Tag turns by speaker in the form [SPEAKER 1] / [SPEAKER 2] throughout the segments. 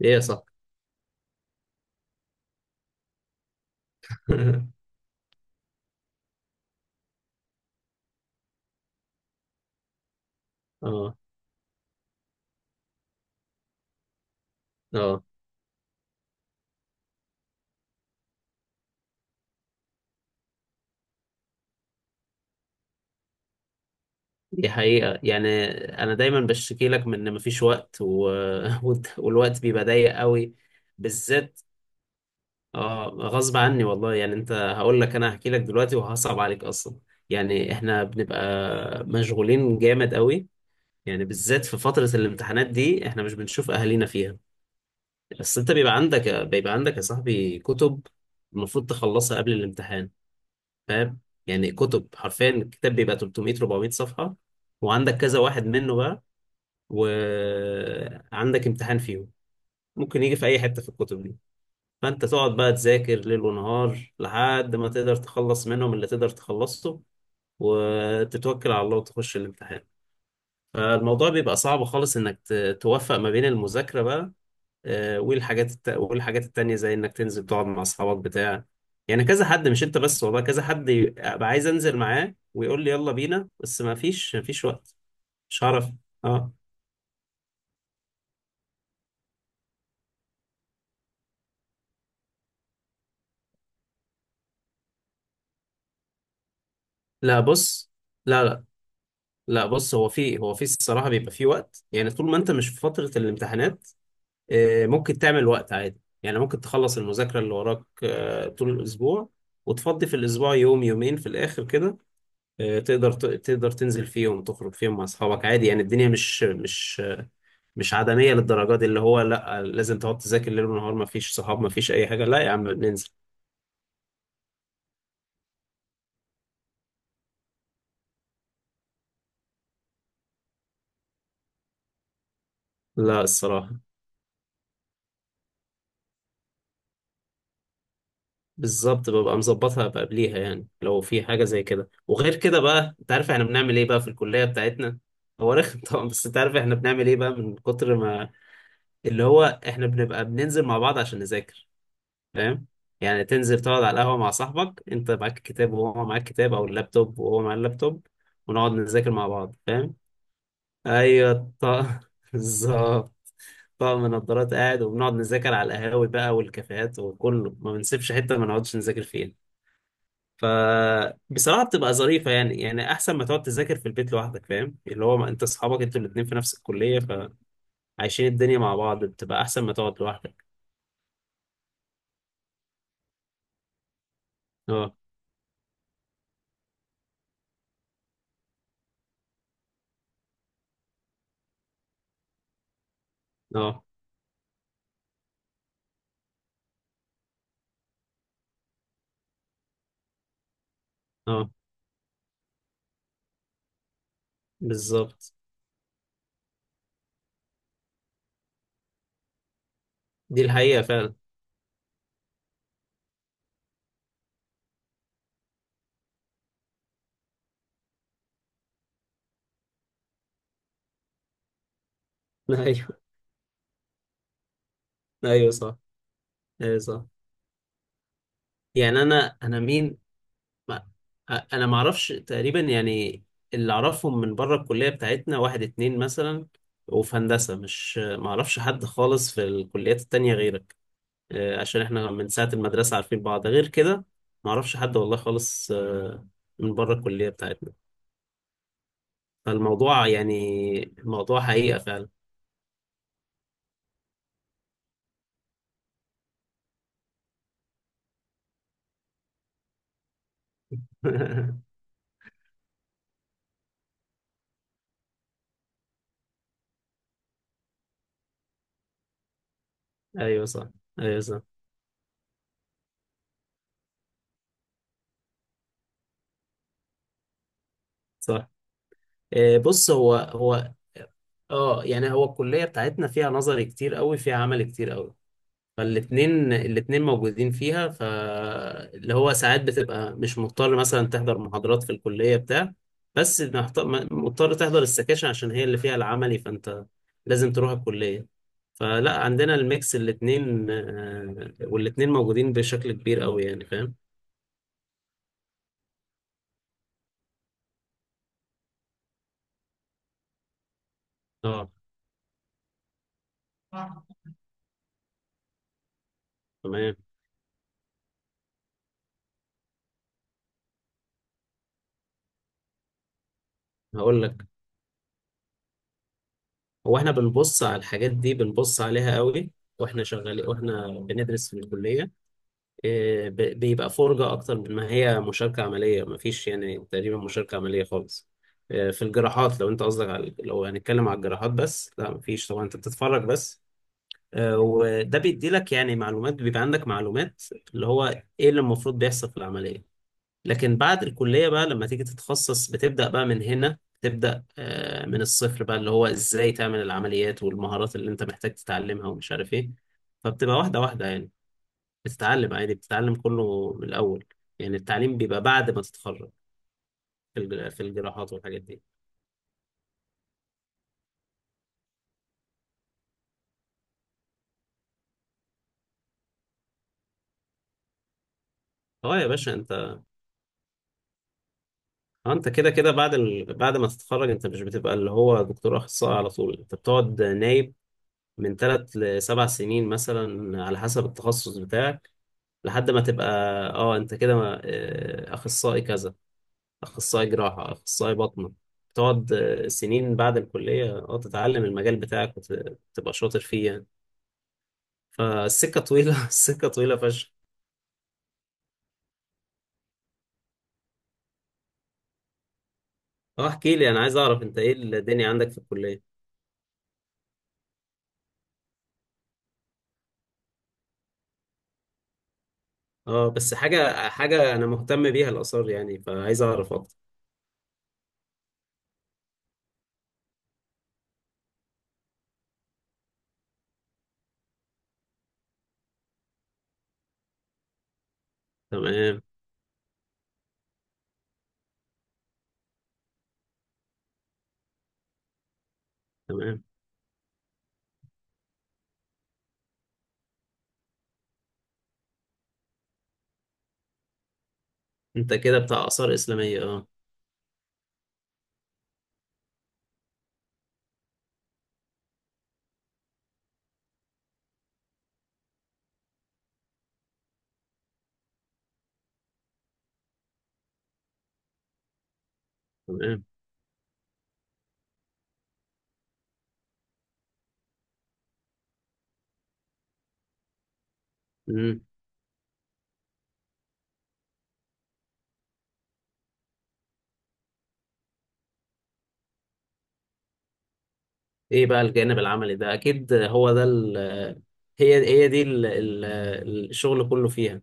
[SPEAKER 1] ايه صح. اه، اه، دي حقيقة يعني. انا دايما بشتكي لك من ان مفيش وقت و. والوقت بيبقى ضيق قوي، بالذات. اه غصب عني والله. يعني انت هقول لك، انا هحكي لك دلوقتي وهصعب عليك اصلا. يعني احنا بنبقى مشغولين جامد قوي. يعني بالذات في فترة الامتحانات دي احنا مش بنشوف اهالينا فيها. بس انت بيبقى عندك يا صاحبي كتب المفروض تخلصها قبل الامتحان، فاهم؟ يعني كتب حرفيا، الكتاب بيبقى 300 400 صفحة، وعندك كذا واحد منه بقى، وعندك امتحان فيهم ممكن يجي في اي حتة في الكتب دي. فانت تقعد بقى تذاكر ليل ونهار لحد ما تقدر تخلص منهم اللي تقدر تخلصه، وتتوكل على الله وتخش الامتحان. فالموضوع بيبقى صعب خالص انك توفق ما بين المذاكرة بقى آه، والحاجات التانية زي انك تنزل تقعد مع اصحابك بتاع. يعني كذا حد مش انت بس والله، كذا حد يبقى ابقى عايز انزل معاه ويقول لي يلا بينا، بس ما فيش وقت. مش هعرف. اه، لا بص، لا لا، لا بص. هو في الصراحة بيبقى في وقت. يعني طول ما انت مش في فترة الامتحانات آه، ممكن تعمل وقت عادي. يعني ممكن تخلص المذاكرة اللي وراك آه، طول الاسبوع، وتفضي في الاسبوع يوم يومين في الاخر كده. آه، تقدر تقدر تنزل فيهم تخرج فيهم مع اصحابك عادي. يعني الدنيا مش عدمية للدرجة دي اللي هو لا لازم تقعد تذاكر ليل ونهار ما فيش صحاب ما فيش اي حاجة. لا يا عم بننزل. لا الصراحة بالظبط، ببقى مظبطها بقى قبليها. يعني لو في حاجة زي كده. وغير كده بقى انت عارف احنا بنعمل ايه بقى في الكلية بتاعتنا. هو رخم طبعا. بس انت عارف احنا بنعمل ايه بقى من كتر ما اللي هو احنا بنبقى بننزل مع بعض عشان نذاكر، فاهم؟ يعني تنزل تقعد على القهوة مع صاحبك، انت معاك الكتاب وهو معاك الكتاب، او اللابتوب وهو معاه اللابتوب، ونقعد نذاكر مع بعض، فاهم؟ ايوه طق بالظبط. طقم نظارات قاعد، وبنقعد نذاكر على القهاوي بقى والكافيهات، وكله ما بنسيبش حتة ما نقعدش نذاكر فيها. فبصراحة بتبقى ظريفة يعني. يعني أحسن ما تقعد تذاكر في البيت لوحدك، فاهم؟ اللي هو ما أنت أصحابك أنتوا الاتنين في نفس الكلية، فعايشين الدنيا مع بعض، بتبقى أحسن ما تقعد لوحدك. أه، أه، أه، بالظبط. دي الحقيقة فعلا. ايوه صح، ايوه صح. يعني انا مين؟ ما انا ما اعرفش تقريبا يعني. اللي اعرفهم من بره الكليه بتاعتنا واحد اتنين مثلا، وفي هندسه، مش، ما اعرفش حد خالص في الكليات التانية غيرك. آه، عشان احنا من ساعه المدرسه عارفين بعض. غير كده ما اعرفش حد والله خالص آه، من بره الكليه بتاعتنا. فالموضوع يعني الموضوع حقيقه فعلا. ايوه صح، ايوه صح، صح. آه، بص هو هو، اه يعني هو الكلية بتاعتنا فيها نظري كتير قوي، فيها عمل كتير قوي. فالاتنين موجودين فيها، فاللي هو ساعات بتبقى مش مضطر مثلا تحضر محاضرات في الكلية بتاع. بس محت- مضطر تحضر السكاشن عشان هي اللي فيها العملي، فانت لازم تروح الكلية. فلا عندنا الميكس، الاتنين آه، والاتنين موجودين بشكل كبير قوي، يعني فاهم. اه تمام. هقول لك، هو احنا بنبص على الحاجات دي، بنبص عليها قوي واحنا شغالين واحنا بندرس في الكلية. آه، بيبقى فرجة أكتر من ما هي مشاركة عملية. مفيش يعني تقريبا مشاركة عملية خالص. آه، في الجراحات، لو أنت قصدك، على لو هنتكلم على الجراحات بس، لا مفيش طبعا، أنت بتتفرج بس. آه، وده بيدي لك يعني معلومات، بيبقى عندك معلومات اللي هو إيه اللي المفروض بيحصل في العملية. لكن بعد الكلية بقى لما تيجي تتخصص، بتبدأ بقى من هنا، تبدأ آه، من الصفر بقى اللي هو إزاي تعمل العمليات والمهارات اللي أنت محتاج تتعلمها ومش عارف إيه. فبتبقى واحدة واحدة يعني. بتتعلم عادي، بتتعلم كله من الأول. يعني التعليم بيبقى بعد ما تتخرج، في في الجراحات والحاجات دي. اه يا باشا انت. اه، انت كده كده بعد ما تتخرج انت مش بتبقى اللي هو دكتور اخصائي على طول، انت بتقعد نايب من 3 لسبع سنين مثلا على حسب التخصص بتاعك، لحد ما تبقى اه انت كده اخصائي كذا. اخصائي جراحة، اخصائي باطنة. بتقعد اه، سنين بعد الكلية اه تتعلم المجال بتاعك وتبقى شاطر فيه يعني. فالسكة طويلة السكة طويلة فشخ. اه احكي لي، انا عايز اعرف انت ايه الدنيا عندك في الكلية. اه، بس حاجة حاجة انا مهتم بيها، الآثار، يعني فعايز اعرف اكتر. تمام. تمام. انت كده بتاع آثار إسلامية، اه. تمام. مم. ايه بقى الجانب العملي ده؟ اكيد هو ده ال، هي هي دي ال ال الشغل كله فيها.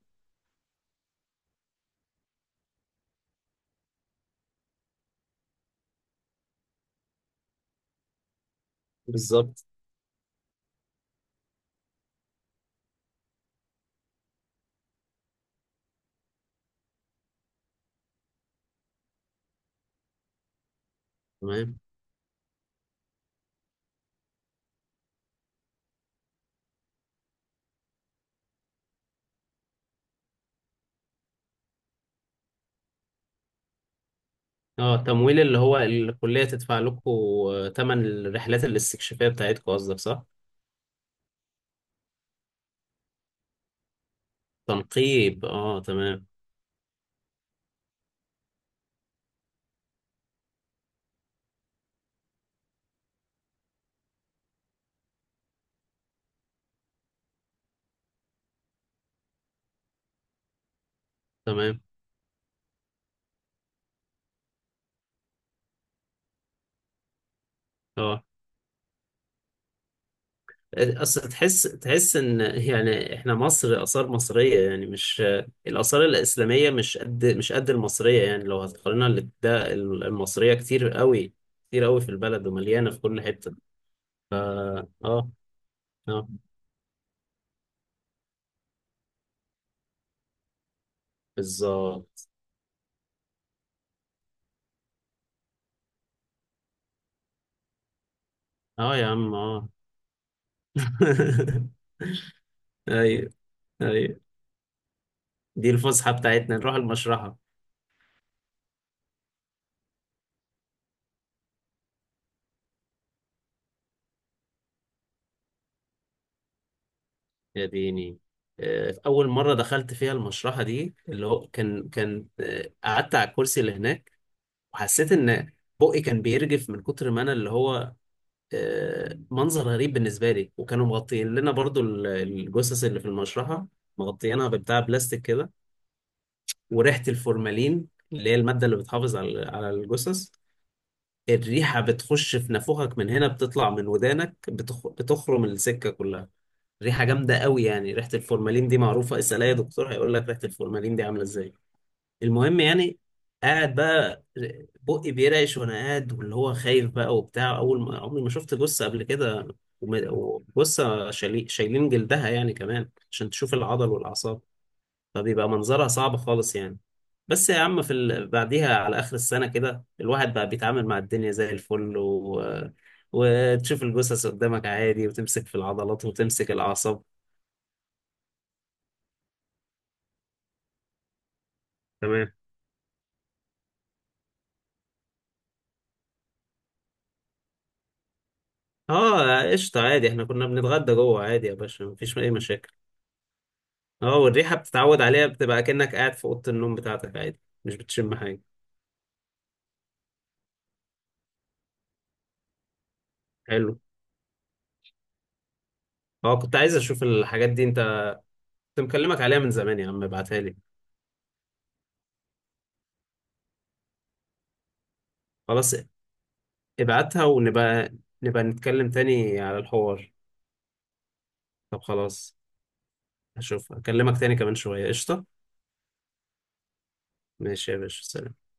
[SPEAKER 1] بالظبط. تمام. اه، تمويل اللي هو الكلية تدفع لكم تمن الرحلات الاستكشافية بتاعتكم، قصدك صح؟ تنقيب، اه تمام. تمام. اه، اصل تحس، تحس ان يعني احنا مصر اثار مصريه، يعني مش الاثار الاسلاميه. مش قد مش قد المصريه. يعني لو هتقارنها المصريه كتير قوي، كتير قوي في البلد ومليانه في كل حته. ف اه، اه، بالظبط. اه يا عم، اه. ايوه، ايوه. دي الفسحه بتاعتنا نروح المشرحه. يا ديني. آه، اول مره دخلت فيها المشرحه دي اللي هو كان آه، قعدت على الكرسي اللي هناك، وحسيت ان بقي كان بيرجف من كتر ما انا. اللي هو آه، منظر غريب بالنسبه لي. وكانوا مغطيين لنا برضو الجثث اللي في المشرحه، مغطيينها ببتاع بلاستيك كده، وريحه الفورمالين اللي هي الماده اللي بتحافظ على الجثث. الريحه بتخش في نافوخك من هنا، بتطلع من ودانك، بتخرم السكه كلها. ريحه جامده قوي يعني. ريحه الفورمالين دي معروفه، اسال اي دكتور هيقول لك ريحه الفورمالين دي عامله ازاي. المهم يعني. قاعد بقى بقي بيرعش وانا قاعد، واللي هو خايف بقى وبتاع. اول ما عمري ما شفت جثه قبل كده، وجثه شايلين جلدها يعني كمان عشان تشوف العضل والاعصاب. فبيبقى منظرها صعب خالص يعني. بس يا عم، بعديها على اخر السنه كده الواحد بقى بيتعامل مع الدنيا زي الفل و. وتشوف الجثث قدامك عادي وتمسك في العضلات وتمسك الاعصاب. تمام. اه، قشطه عادي، احنا كنا بنتغدى جوه عادي يا باشا، مفيش اي مشاكل. اه، والريحة بتتعود عليها، بتبقى كأنك قاعد في أوضة النوم بتاعتك عادي، مش بتشم حاجة. حلو. اه، كنت عايز أشوف الحاجات دي. أنت كنت مكلمك عليها من زمان يا عم، ابعتها لي. خلاص، ابعتها، ونبقى نبقى نتكلم تاني على الحوار. طب خلاص، هشوف أكلمك تاني كمان شوية، قشطة. ماشي يا باشا، سلام.